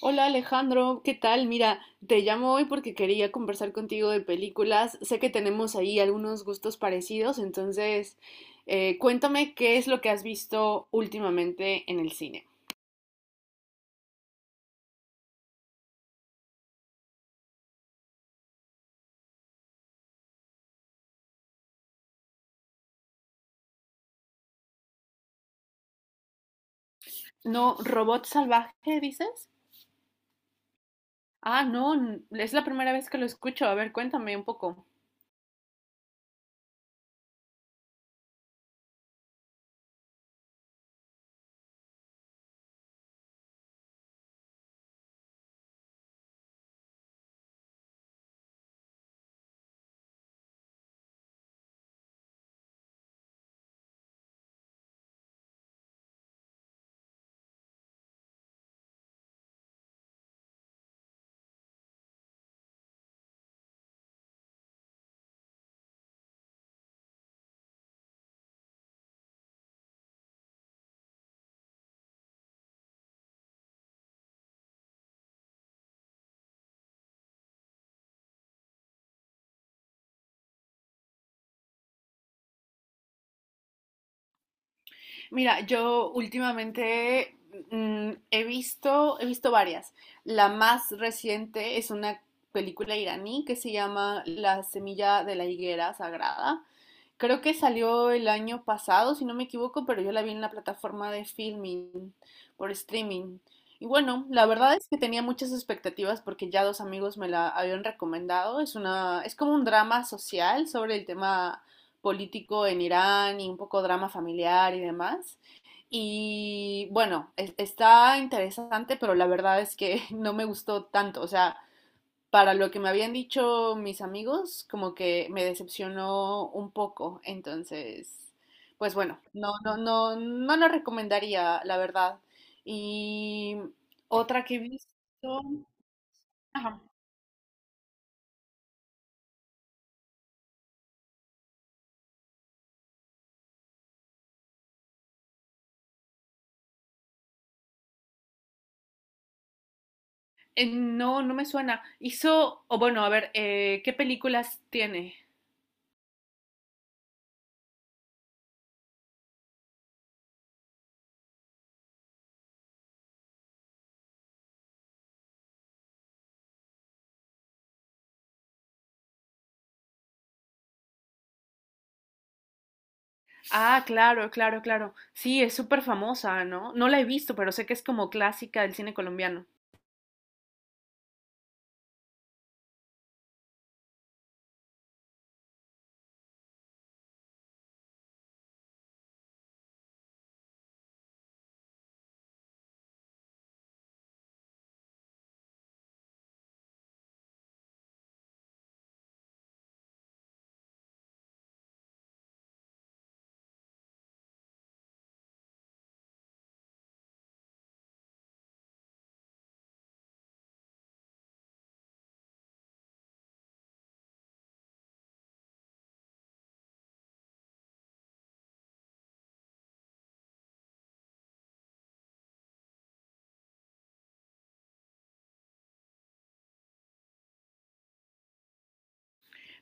Hola Alejandro, ¿qué tal? Mira, te llamo hoy porque quería conversar contigo de películas. Sé que tenemos ahí algunos gustos parecidos, entonces cuéntame qué es lo que has visto últimamente en el cine. No, ¿Robot Salvaje, dices? Ah, no, es la primera vez que lo escucho. A ver, cuéntame un poco. Mira, yo últimamente he visto varias. La más reciente es una película iraní que se llama La semilla de la higuera sagrada. Creo que salió el año pasado, si no me equivoco, pero yo la vi en la plataforma de filming, por streaming. Y bueno, la verdad es que tenía muchas expectativas porque ya dos amigos me la habían recomendado. Es una, es como un drama social sobre el tema político en Irán y un poco drama familiar y demás. Y bueno, está interesante, pero la verdad es que no me gustó tanto. O sea, para lo que me habían dicho mis amigos, como que me decepcionó un poco. Entonces, pues bueno, no, no, no lo recomendaría, la verdad. Y otra que he visto, ajá, no, no me suena. Hizo, o bueno, a ver, ¿qué películas tiene? Ah, claro, claro, claro. Sí, es súper famosa, ¿no? No la he visto, pero sé que es como clásica del cine colombiano.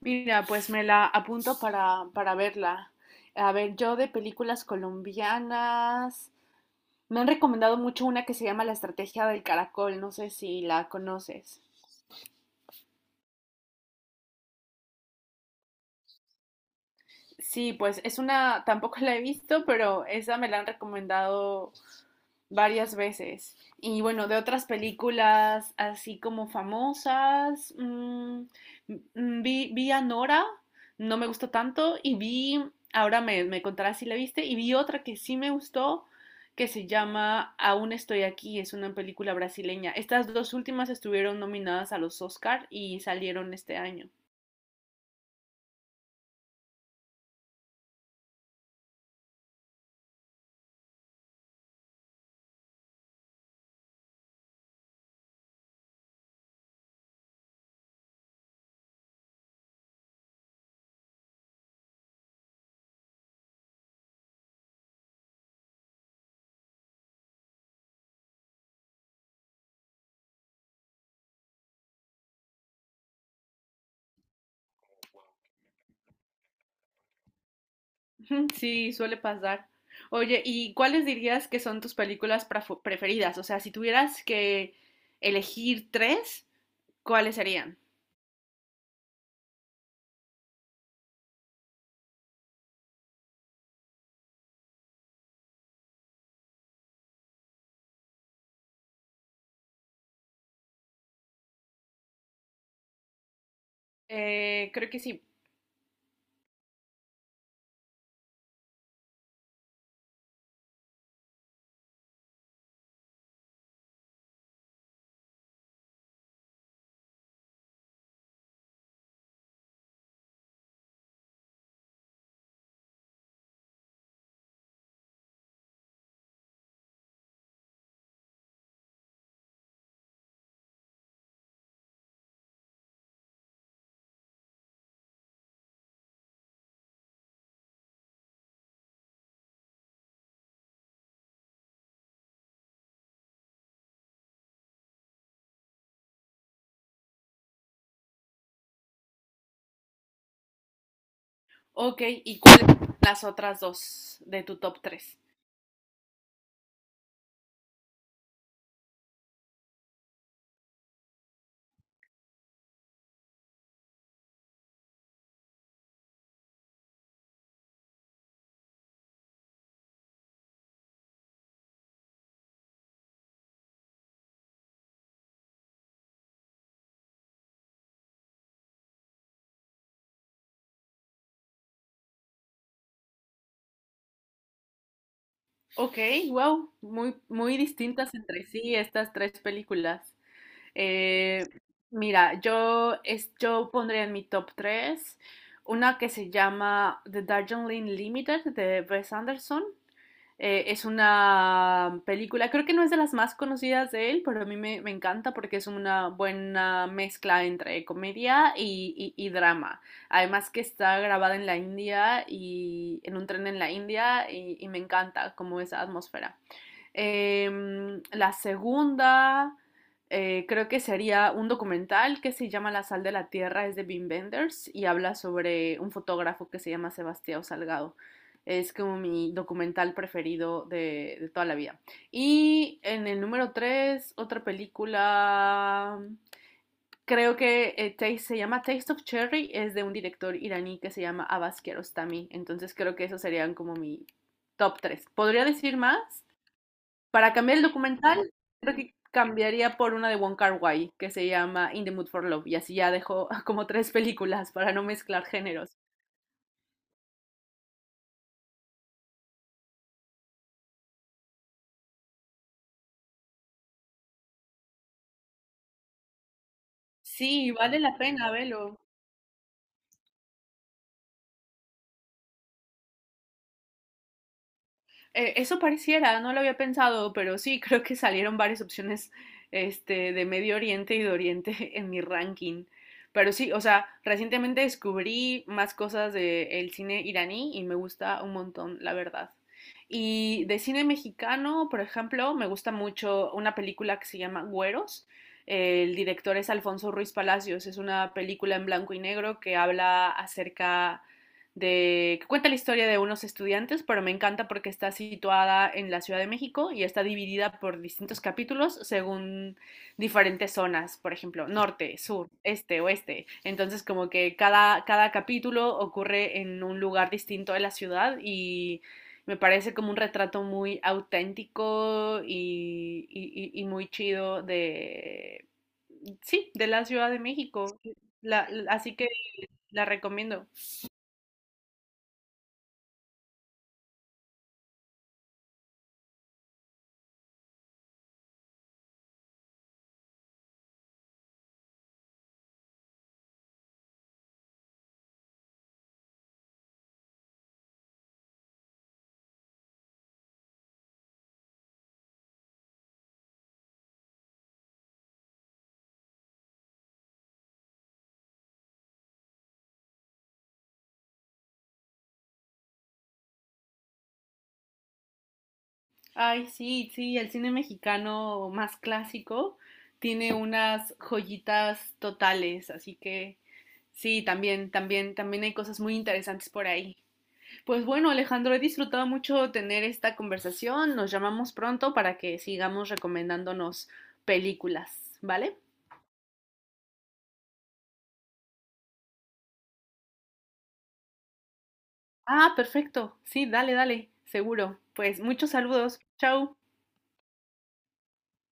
Mira, pues me la apunto para verla. A ver, yo de películas colombianas. Me han recomendado mucho una que se llama La Estrategia del Caracol, no sé si la conoces. Sí, pues es una, tampoco la he visto, pero esa me la han recomendado varias veces. Y bueno, de otras películas así como famosas, vi, vi a Nora, no me gustó tanto, y vi, ahora me, me contarás si la viste, y vi otra que sí me gustó, que se llama Aún estoy aquí, es una película brasileña. Estas dos últimas estuvieron nominadas a los Oscar y salieron este año. Ujú, sí, suele pasar. Oye, ¿y cuáles dirías que son tus películas preferidas? O sea, si tuvieras que elegir tres, ¿cuáles serían? Creo que sí. Ok, ¿y cuáles son las otras dos de tu top tres? Ok, wow, muy, muy distintas entre sí estas tres películas. Eh, mira, yo pondría en mi top tres una que se llama The Darjeeling Limited de Wes Anderson. Es una película, creo que no es de las más conocidas de él, pero a mí me encanta porque es una buena mezcla entre comedia y, y drama. Además que está grabada en la India y en un tren en la India y me encanta como esa atmósfera. Em, la segunda creo que sería un documental que se llama La sal de la tierra, es de Wim Wenders y habla sobre un fotógrafo que se llama Sebastián Salgado. Es como mi documental preferido de toda la vida. Y en el número 3 otra película, creo que se llama Taste of Cherry, es de un director iraní que se llama Abbas Kiarostami. Entonces creo que esos serían como mi top tres. Podría decir más, para cambiar el documental, creo que cambiaría por una de Wong Kar-wai que se llama In the Mood for Love y así ya dejo como tres películas para no mezclar géneros. Sí, vale la pena, velo. Eso pareciera, no lo había pensado, pero sí, creo que salieron varias opciones este, de Medio Oriente y de Oriente en mi ranking. Pero sí, o sea, recientemente descubrí más cosas del de cine iraní y me gusta un montón, la verdad. Y de cine mexicano, por ejemplo, me gusta mucho una película que se llama Güeros. El director es Alfonso Ruiz Palacios. Es una película en blanco y negro que habla acerca de, que cuenta la historia de unos estudiantes, pero me encanta porque está situada en la Ciudad de México y está dividida por distintos capítulos según diferentes zonas, por ejemplo, norte, sur, este, oeste. Entonces, como que cada capítulo ocurre en un lugar distinto de la ciudad y me parece como un retrato muy auténtico y muy chido de, sí, de la Ciudad de México. Así que la recomiendo. Ay, sí, sí, el cine mexicano más clásico tiene unas joyitas totales, así que sí, también, también hay cosas muy interesantes por ahí. Pues bueno, Alejandro, he disfrutado mucho tener esta conversación. Nos llamamos pronto para que sigamos recomendándonos películas, ¿vale? Ah, perfecto. Sí, dale, dale, seguro. Pues muchos saludos. Chao.